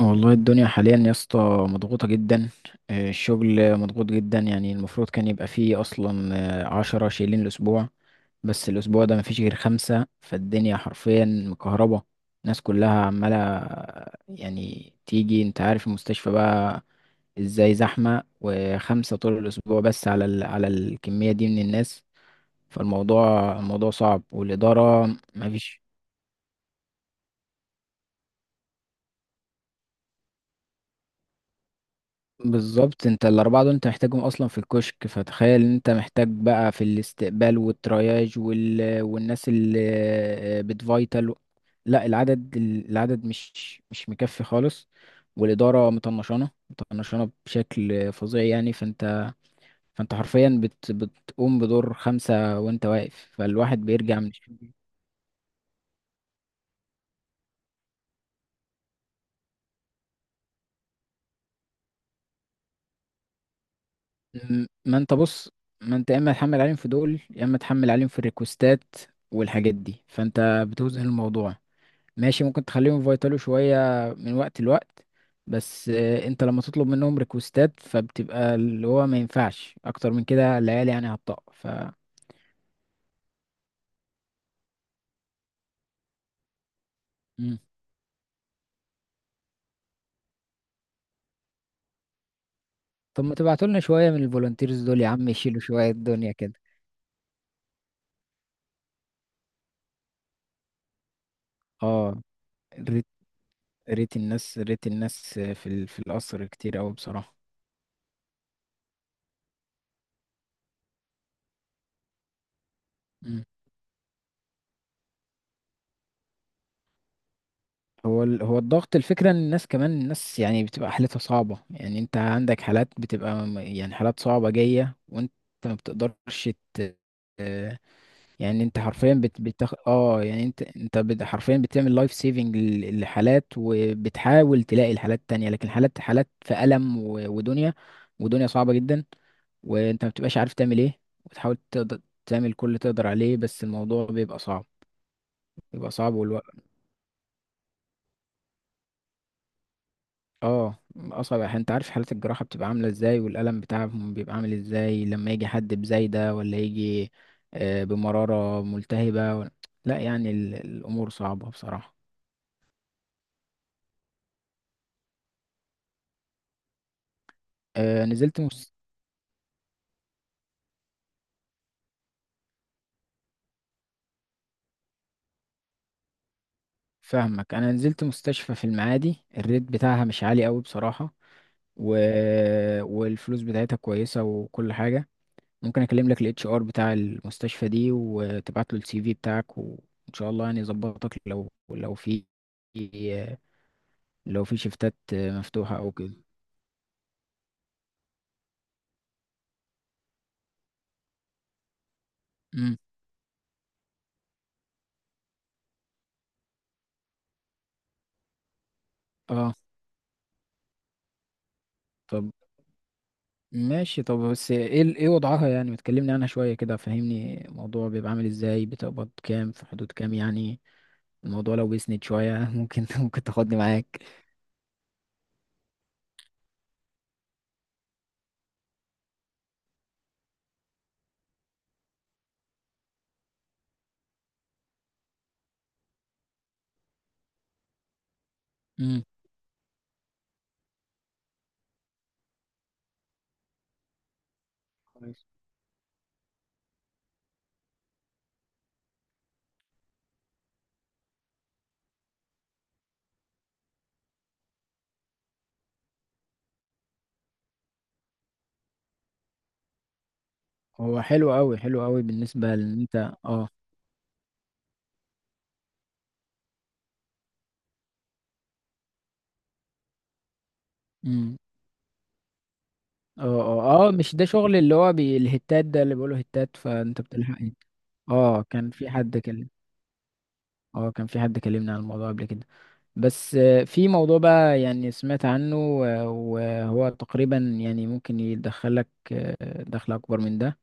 والله الدنيا حاليا يا اسطى مضغوطة جدا. الشغل مضغوط جدا يعني المفروض كان يبقى فيه أصلا 10 شايلين الأسبوع، بس الأسبوع ده مفيش غير خمسة، فالدنيا حرفيا مكهربة. الناس كلها عمالة يعني تيجي، انت عارف المستشفى بقى ازاي زحمة، وخمسة طول الأسبوع بس على الكمية دي من الناس. فالموضوع صعب، والإدارة مفيش. بالظبط، انت الاربعه دول انت محتاجهم اصلا في الكشك، فتخيل ان انت محتاج بقى في الاستقبال والترياج وال... والناس اللي بتفايتال. لا، العدد مش مكفي خالص. والاداره مطنشانه بشكل فظيع، يعني فانت حرفيا بتقوم بدور خمسه وانت واقف، فالواحد بيرجع من الشغل. ما انت بص، ما انت يا اما تحمل عليهم في دول، يا اما تحمل عليهم في الريكوستات والحاجات دي، فانت بتوزن الموضوع. ماشي، ممكن تخليهم يفيتلوا شوية من وقت لوقت، بس انت لما تطلب منهم ريكوستات، فبتبقى اللي هو ما ينفعش اكتر من كده، العيال يعني هتطق مم. طب ما تبعتولنا شوية من الفولunteers دول يا عم يشيلوا شوية الدنيا كده. اه، ريت ريت الناس في القصر كتير اوي بصراحة. مم. هو الضغط، الفكرة ان الناس كمان الناس يعني بتبقى حالتها صعبة، يعني انت عندك حالات بتبقى يعني حالات صعبة جاية، وانت ما بتقدرش ت... يعني انت حرفيا بت... بتخ... اه يعني انت انت بت... حرفيا بتعمل لايف سيفنج لحالات، وبتحاول تلاقي الحالات التانية. لكن حالات في ألم و... ودنيا ودنيا صعبة جدا، وانت ما بتبقاش عارف تعمل ايه، وتحاول تقدر تعمل كل اللي تقدر عليه. بس الموضوع بيبقى صعب، والوقت. اه، اصعب احيانا. انت عارف حالة الجراحة بتبقى عاملة ازاي، والألم بتاعهم بيبقى عامل ازاي لما يجي حد بزايدة، ولا يجي بمرارة ملتهبة لا يعني الأمور صعبة بصراحة. آه، نزلت مست... فاهمك، انا نزلت مستشفى في المعادي، الريت بتاعها مش عالي قوي بصراحة و... والفلوس بتاعتها كويسة وكل حاجة. ممكن اكلم لك HR بتاع المستشفى دي، وتبعت له CV بتاعك، وان شاء الله يعني يظبطك، لو لو في شيفتات مفتوحة او كده. امم. اه، طب ماشي، طب بس ايه ايه وضعها؟ يعني ما تكلمني عنها شوية كده، فهمني الموضوع بيبقى عامل ازاي؟ بتقبض كام؟ في حدود كام يعني الموضوع لو بيسند شوية؟ ممكن تاخدني معاك. امم، كويس. هو حلو أوي حلو أوي بالنسبة لأن أنت. اه، امم. اه اه اه، مش ده شغل اللي هو الهتات ده، اللي بيقولوا هتات، فأنت بتلحق اه كان في حد كلم اه كان في حد كلمنا عن الموضوع قبل كده. بس في موضوع بقى يعني سمعت عنه، وهو تقريبا يعني ممكن يدخلك دخل أكبر من ده،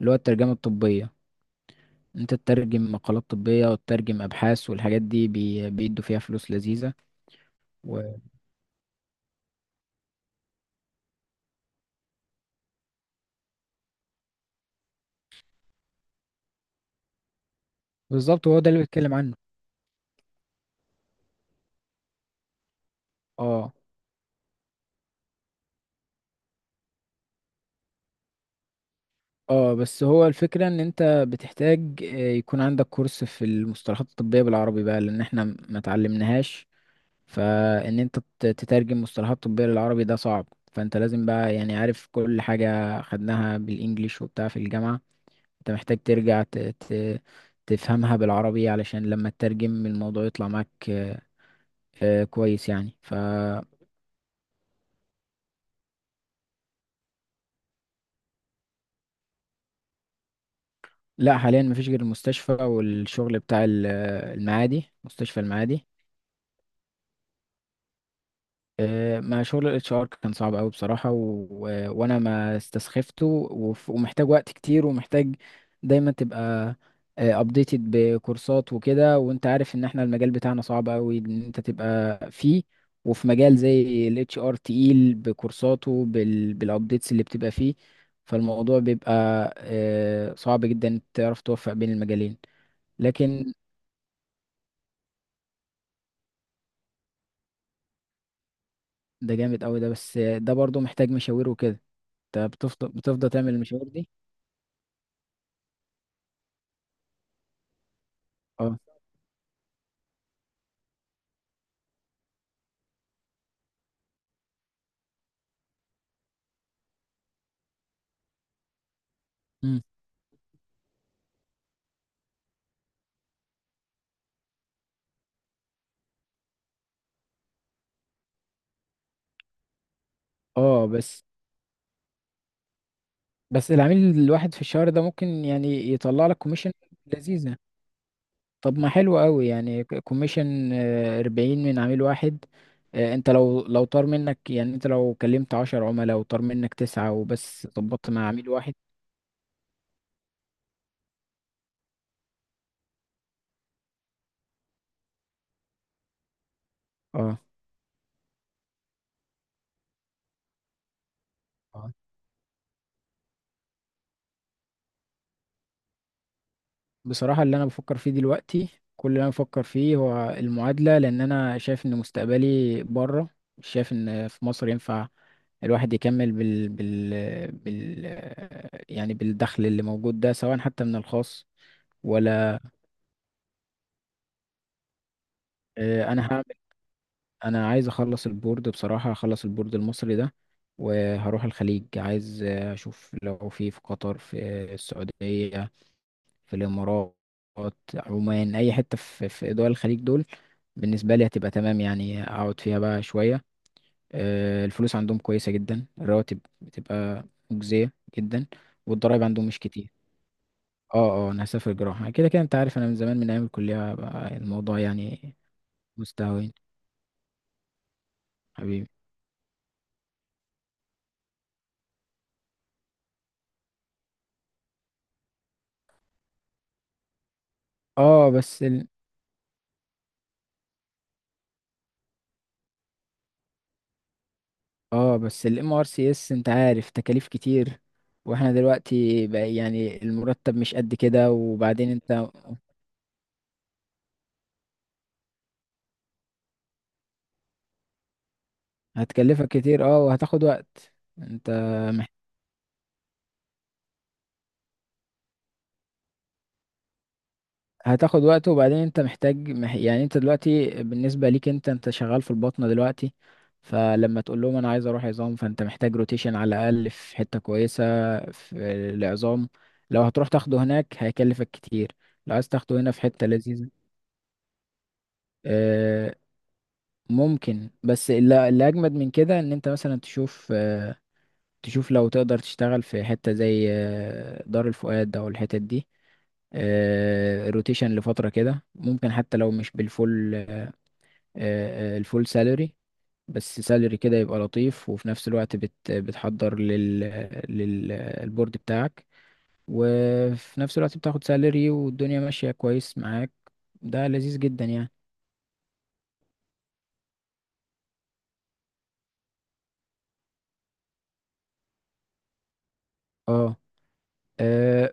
اللي هو الترجمة الطبية. أنت تترجم مقالات طبية، وتترجم أبحاث، والحاجات دي بيدوا فيها فلوس لذيذة. و- بالظبط، هو ده اللي بيتكلم عنه. اه اه، بس هو الفكرة ان انت بتحتاج يكون عندك كورس في المصطلحات الطبية بالعربي، بقى لان احنا ما تعلمناهاش. فان انت تترجم مصطلحات طبية للعربي ده صعب، فانت لازم بقى يعني عارف كل حاجة خدناها بالانجليش وبتاع في الجامعة. انت محتاج ترجع تفهمها بالعربي، علشان لما تترجم الموضوع يطلع معاك كويس يعني لا، حاليا مفيش غير المستشفى، والشغل بتاع المعادي، مستشفى المعادي. ما شغل HR كان صعب قوي بصراحة وانا ما استسخفته، ومحتاج وقت كتير، ومحتاج دايما تبقى ابديتد بكورسات وكده. وانت عارف ان احنا المجال بتاعنا صعب قوي ان انت تبقى فيه، وفي مجال زي HR تقيل بكورساته بالابديتس اللي بتبقى فيه. فالموضوع بيبقى صعب جدا إنك تعرف توفق بين المجالين. لكن ده جامد قوي ده، بس ده برضو محتاج مشاوير وكده، انت بتفضل تعمل المشاوير دي. اه، امم، اه. بس العميل الواحد في الشهر ده ممكن يعني يطلع لك كوميشن لذيذة. طب ما حلو قوي يعني كوميشن 40 من عميل واحد. انت لو طار منك، يعني انت لو كلمت 10 عملاء وطار منك 9 وبس ظبطت مع عميل واحد. اه، بصراحة اللي أنا بفكر فيه دلوقتي، كل اللي أنا بفكر فيه هو المعادلة، لأن أنا شايف إن مستقبلي بره، مش شايف إن في مصر ينفع الواحد يكمل يعني بالدخل اللي موجود ده، سواء حتى من الخاص. ولا أنا هعمل. أنا عايز أخلص البورد بصراحة، هخلص البورد المصري ده وهروح الخليج. عايز أشوف لو في في قطر، في السعودية، في الإمارات، عمان، أي حتة في في دول الخليج دول، بالنسبة لي هتبقى تمام، يعني أقعد فيها بقى شوية. الفلوس عندهم كويسة جدا، الرواتب بتبقى مجزية جدا، والضرايب عندهم مش كتير. اه اه، أنا هسافر جراحة كده كده، أنت عارف. أنا من زمان، من أيام الكلية بقى الموضوع يعني مستهوين. حبيبي، اه، بس اه، بس MRCS انت عارف تكاليف كتير، واحنا دلوقتي بقى يعني المرتب مش قد كده، وبعدين انت هتكلفك كتير، اه، وهتاخد وقت. انت مح... هتاخد وقت، وبعدين انت محتاج يعني انت دلوقتي بالنسبة ليك، انت شغال في البطنة دلوقتي. فلما تقول لهم انا عايز اروح عظام، فانت محتاج روتيشن على الاقل في حتة كويسة في العظام. لو هتروح تاخده هناك هيكلفك كتير، لو عايز تاخده هنا في حتة لذيذة. آه، ممكن. بس اللي اجمد من كده، ان انت مثلا تشوف لو تقدر تشتغل في حتة زي دار الفؤاد او الحتت دي روتيشن لفترة كده، ممكن حتى لو مش بالفول آه، آه، الفول سالري، بس سالري كده يبقى لطيف، وفي نفس الوقت بتحضر للبورد بتاعك، وفي نفس الوقت بتاخد سالري والدنيا ماشية كويس معاك. ده لذيذ جدا يعني. اه، آه،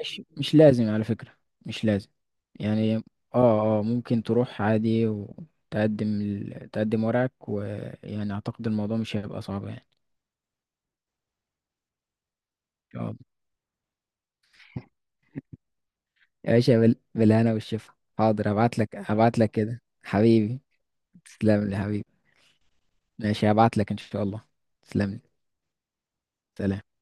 مش لازم على فكرة، مش لازم يعني. اه اه، ممكن تروح عادي، وتقدم تقدم ورقك، ويعني اعتقد الموضوع مش هيبقى صعب يعني. آه. يا باشا، بالهنا والشفا. حاضر، هبعت لك كده حبيبي. تسلم لي حبيبي. ماشي، هبعت لك ان شاء الله. تسلم لي. سلام.